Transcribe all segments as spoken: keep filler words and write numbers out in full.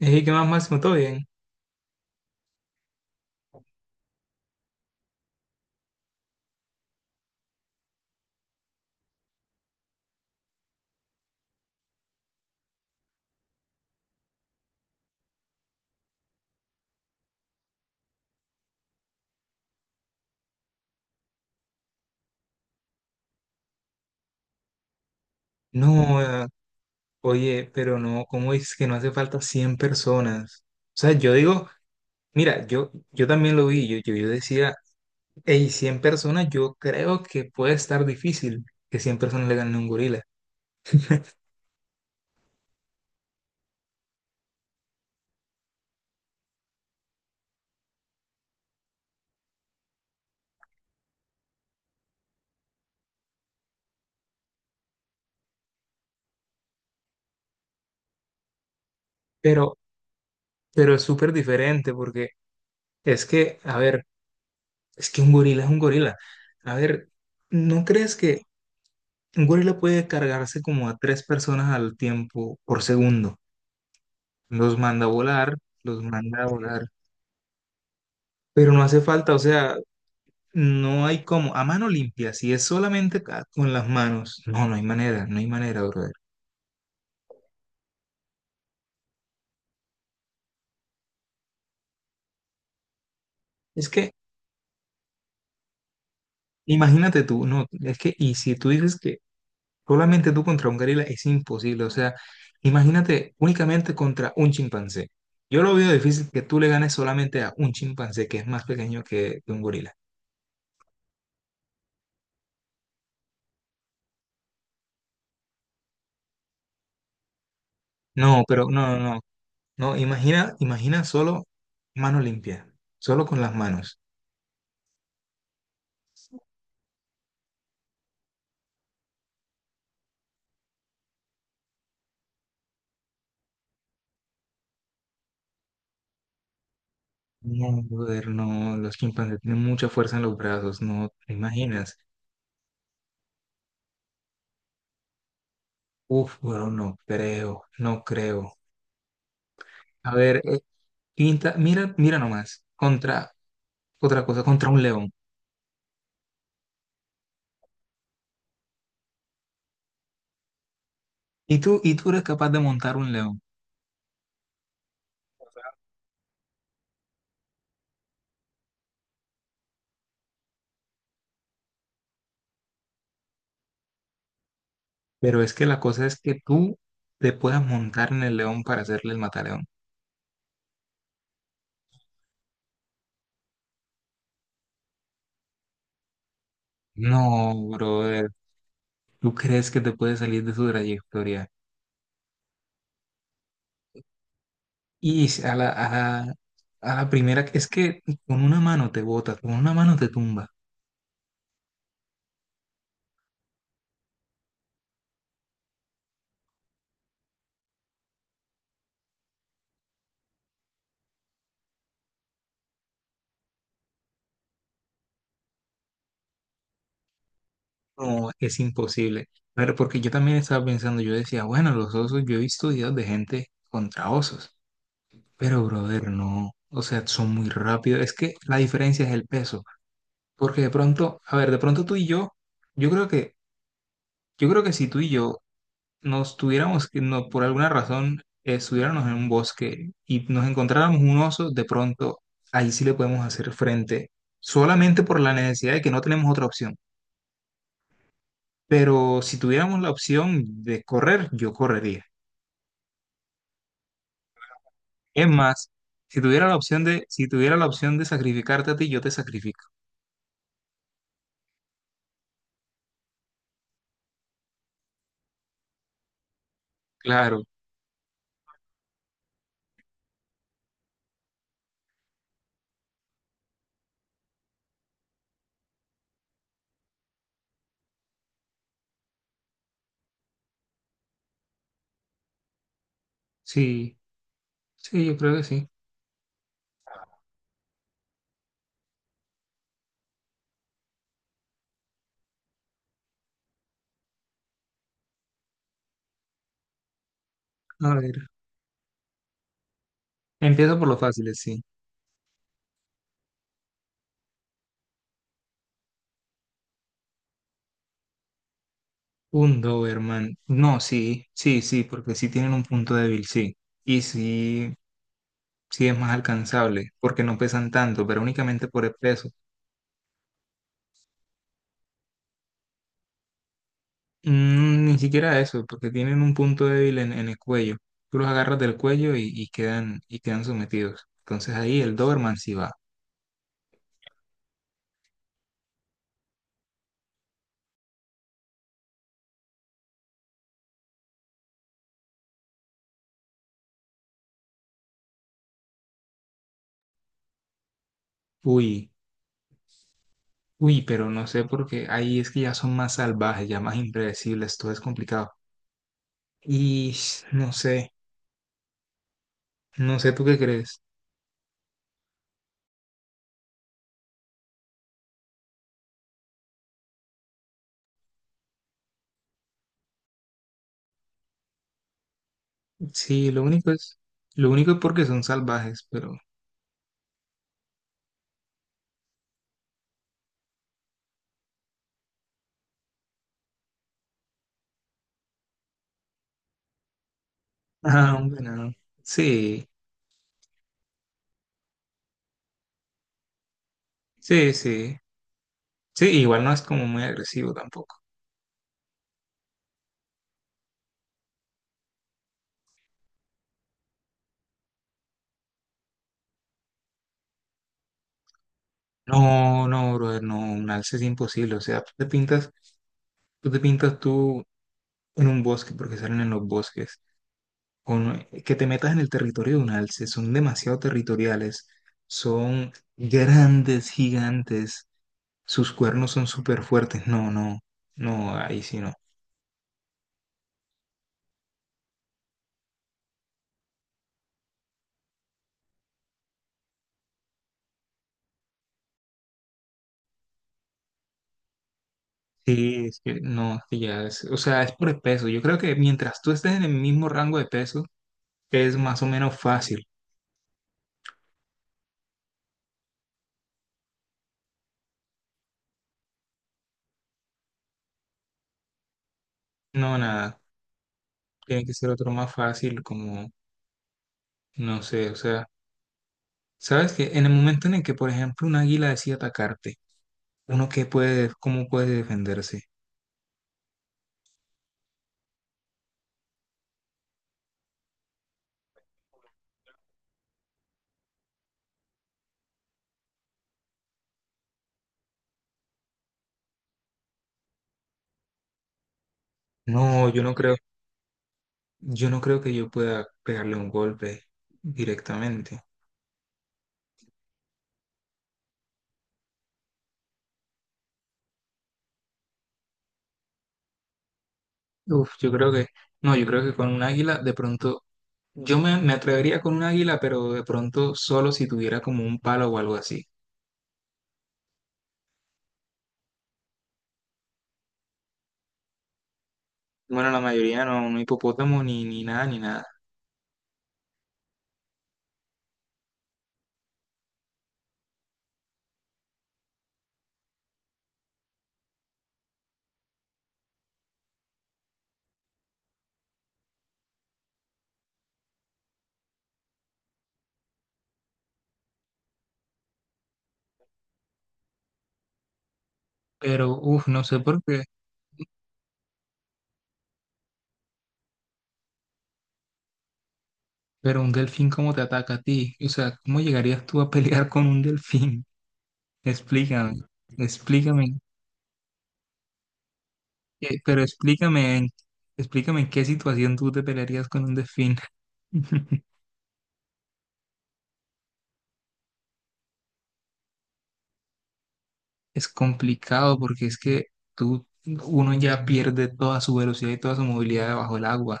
Ey, ¿qué más, Máximo? ¿Todo bien? No, eh, oye, pero no, ¿cómo dices que no hace falta cien personas? O sea, yo digo, mira, yo, yo también lo vi, yo, yo, yo decía, hey, cien personas, yo creo que puede estar difícil que cien personas le ganen a un gorila, pero, pero es súper diferente porque es que, a ver, es que un gorila es un gorila. A ver, ¿no crees que un gorila puede cargarse como a tres personas al tiempo por segundo? Los manda a volar, los manda a volar. Pero no hace falta, o sea, no hay como, a mano limpia, si es solamente ca- con las manos, no, no hay manera, no hay manera, brother. Es que, imagínate tú, no, es que, y si tú dices que solamente tú contra un gorila es imposible, o sea, imagínate únicamente contra un chimpancé. Yo lo veo difícil que tú le ganes solamente a un chimpancé que es más pequeño que que un gorila. No, pero no, no, no, no, imagina, imagina solo mano limpia, solo con las manos. No, brother, no, los chimpancés tienen mucha fuerza en los brazos, no te imaginas. Uf, bro, no creo, no creo. A ver, eh, pinta, mira, mira nomás, contra otra cosa, contra un león. Y tú, y tú eres capaz de montar un león, pero es que la cosa es que tú te puedas montar en el león para hacerle el mataleón. No, brother, ¿tú crees que te puedes salir de su trayectoria? Y si a la, a la, a la primera, es que con una mano te botas, con una mano te tumba. No, es imposible. Pero porque yo también estaba pensando, yo decía, bueno, los osos, yo he visto videos de gente contra osos, pero brother, no, o sea, son muy rápidos. Es que la diferencia es el peso, porque de pronto, a ver, de pronto tú y yo, yo creo que, yo creo que si tú y yo nos tuviéramos, que no, por alguna razón, eh, estuviéramos en un bosque y nos encontráramos un oso, de pronto, ahí sí le podemos hacer frente, solamente por la necesidad de que no tenemos otra opción. Pero si tuviéramos la opción de correr, yo correría. Es más, si tuviera la opción de, si tuviera la opción de sacrificarte a ti, yo te sacrifico. Claro, sí, sí, yo creo que sí. A ver, empiezo por lo fáciles, sí. Un Doberman. No, sí, sí, sí, porque sí tienen un punto débil, sí. Y sí, sí es más alcanzable, porque no pesan tanto, pero únicamente por el peso. Mm, ni siquiera eso, porque tienen un punto débil en, en el cuello. Tú los agarras del cuello y, y quedan, y quedan, sometidos. Entonces ahí el Doberman sí va. Uy, uy, pero no sé porque ahí es que ya son más salvajes, ya más impredecibles, todo es complicado. Y no sé, no sé tú qué crees. Sí, lo único es, lo único es porque son salvajes, pero... Ah, un venado. Sí, sí, sí. Sí, igual no es como muy agresivo tampoco. No, no, brother, no, un alce es imposible. O sea, tú te pintas Tú te pintas tú en un bosque, porque salen en los bosques, con, que te metas en el territorio de un alce, son demasiado territoriales, son grandes, gigantes, sus cuernos son súper fuertes, no, no, no, ahí sí no. Sí, es que no, sí ya es, o sea, es por el peso, yo creo que mientras tú estés en el mismo rango de peso, es más o menos fácil, no, nada, tiene que ser otro más fácil, como, no sé, o sea, sabes que en el momento en el que, por ejemplo, un águila decide atacarte, uno qué puede, cómo puede defenderse. No, yo no creo, yo no creo que yo pueda pegarle un golpe directamente. Uf, yo creo que, no, yo creo que con un águila de pronto, yo me, me atrevería con un águila, pero de pronto solo si tuviera como un palo o algo así. Bueno, la mayoría no, no hipopótamo ni, ni nada, ni nada. Pero, uf, no sé por qué, pero un delfín cómo te ataca a ti. O sea, ¿cómo llegarías tú a pelear con un delfín? Explícame, explícame Eh, pero explícame, en- explícame en qué situación tú te pelearías con un delfín. Es complicado porque es que tú, uno ya pierde toda su velocidad y toda su movilidad debajo del agua.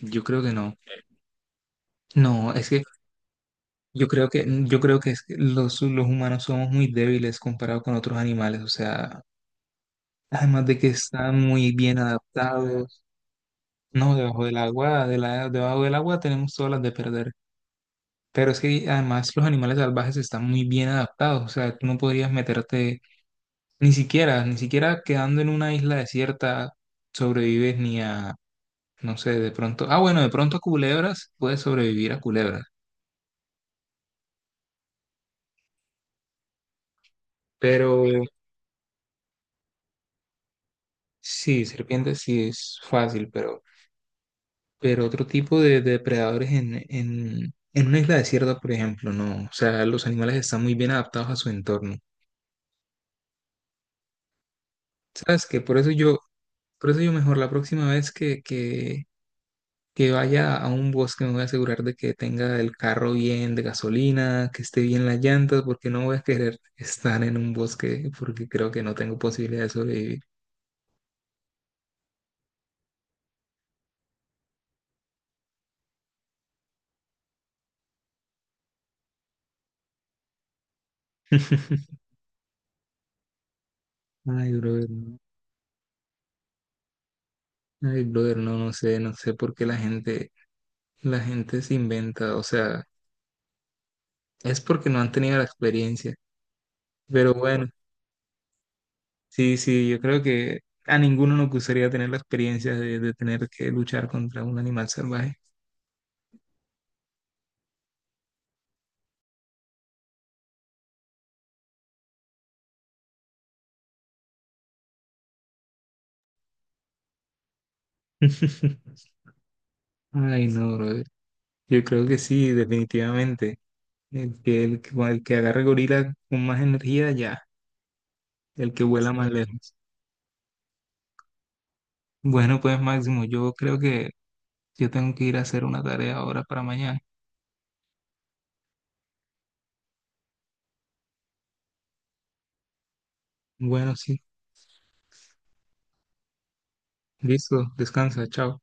Yo creo que no. No, es que yo creo que, yo creo que es que los, los humanos somos muy débiles comparados con otros animales. O sea, además de que están muy bien adaptados, no, debajo del agua, de la- debajo del agua tenemos todas las de perder. Pero es que además los animales salvajes están muy bien adaptados, o sea, tú no podrías meterte ni siquiera, ni siquiera quedando en una isla desierta sobrevives ni a, no sé, de pronto, ah, bueno, de pronto a culebras, puedes sobrevivir a culebras, pero sí, serpientes sí es fácil, pero, pero otro tipo de, de depredadores en, en, en una isla desierta, por ejemplo, no, o sea, los animales están muy bien adaptados a su entorno. ¿Sabes qué? Por eso yo, por eso yo mejor la próxima vez que, que que vaya a un bosque, me voy a asegurar de que tenga el carro bien de gasolina, que esté bien las llantas, porque no voy a querer estar en un bosque porque creo que no tengo posibilidad de sobrevivir. Ay, brother, no. ay, brother, no, no sé, no sé por qué la gente, la gente se inventa, o sea, es porque no han tenido la experiencia, pero bueno, sí, sí, yo creo que a ninguno nos gustaría tener la experiencia de, de tener que luchar contra un animal salvaje. Ay, no, brother. Yo creo que sí, definitivamente. El que, el, que el que agarre gorila con más energía, ya. El que vuela más, sí, lejos. Bueno, pues Máximo, yo creo que yo tengo que ir a hacer una tarea ahora para mañana. Bueno, sí. Listo, descansa, chao.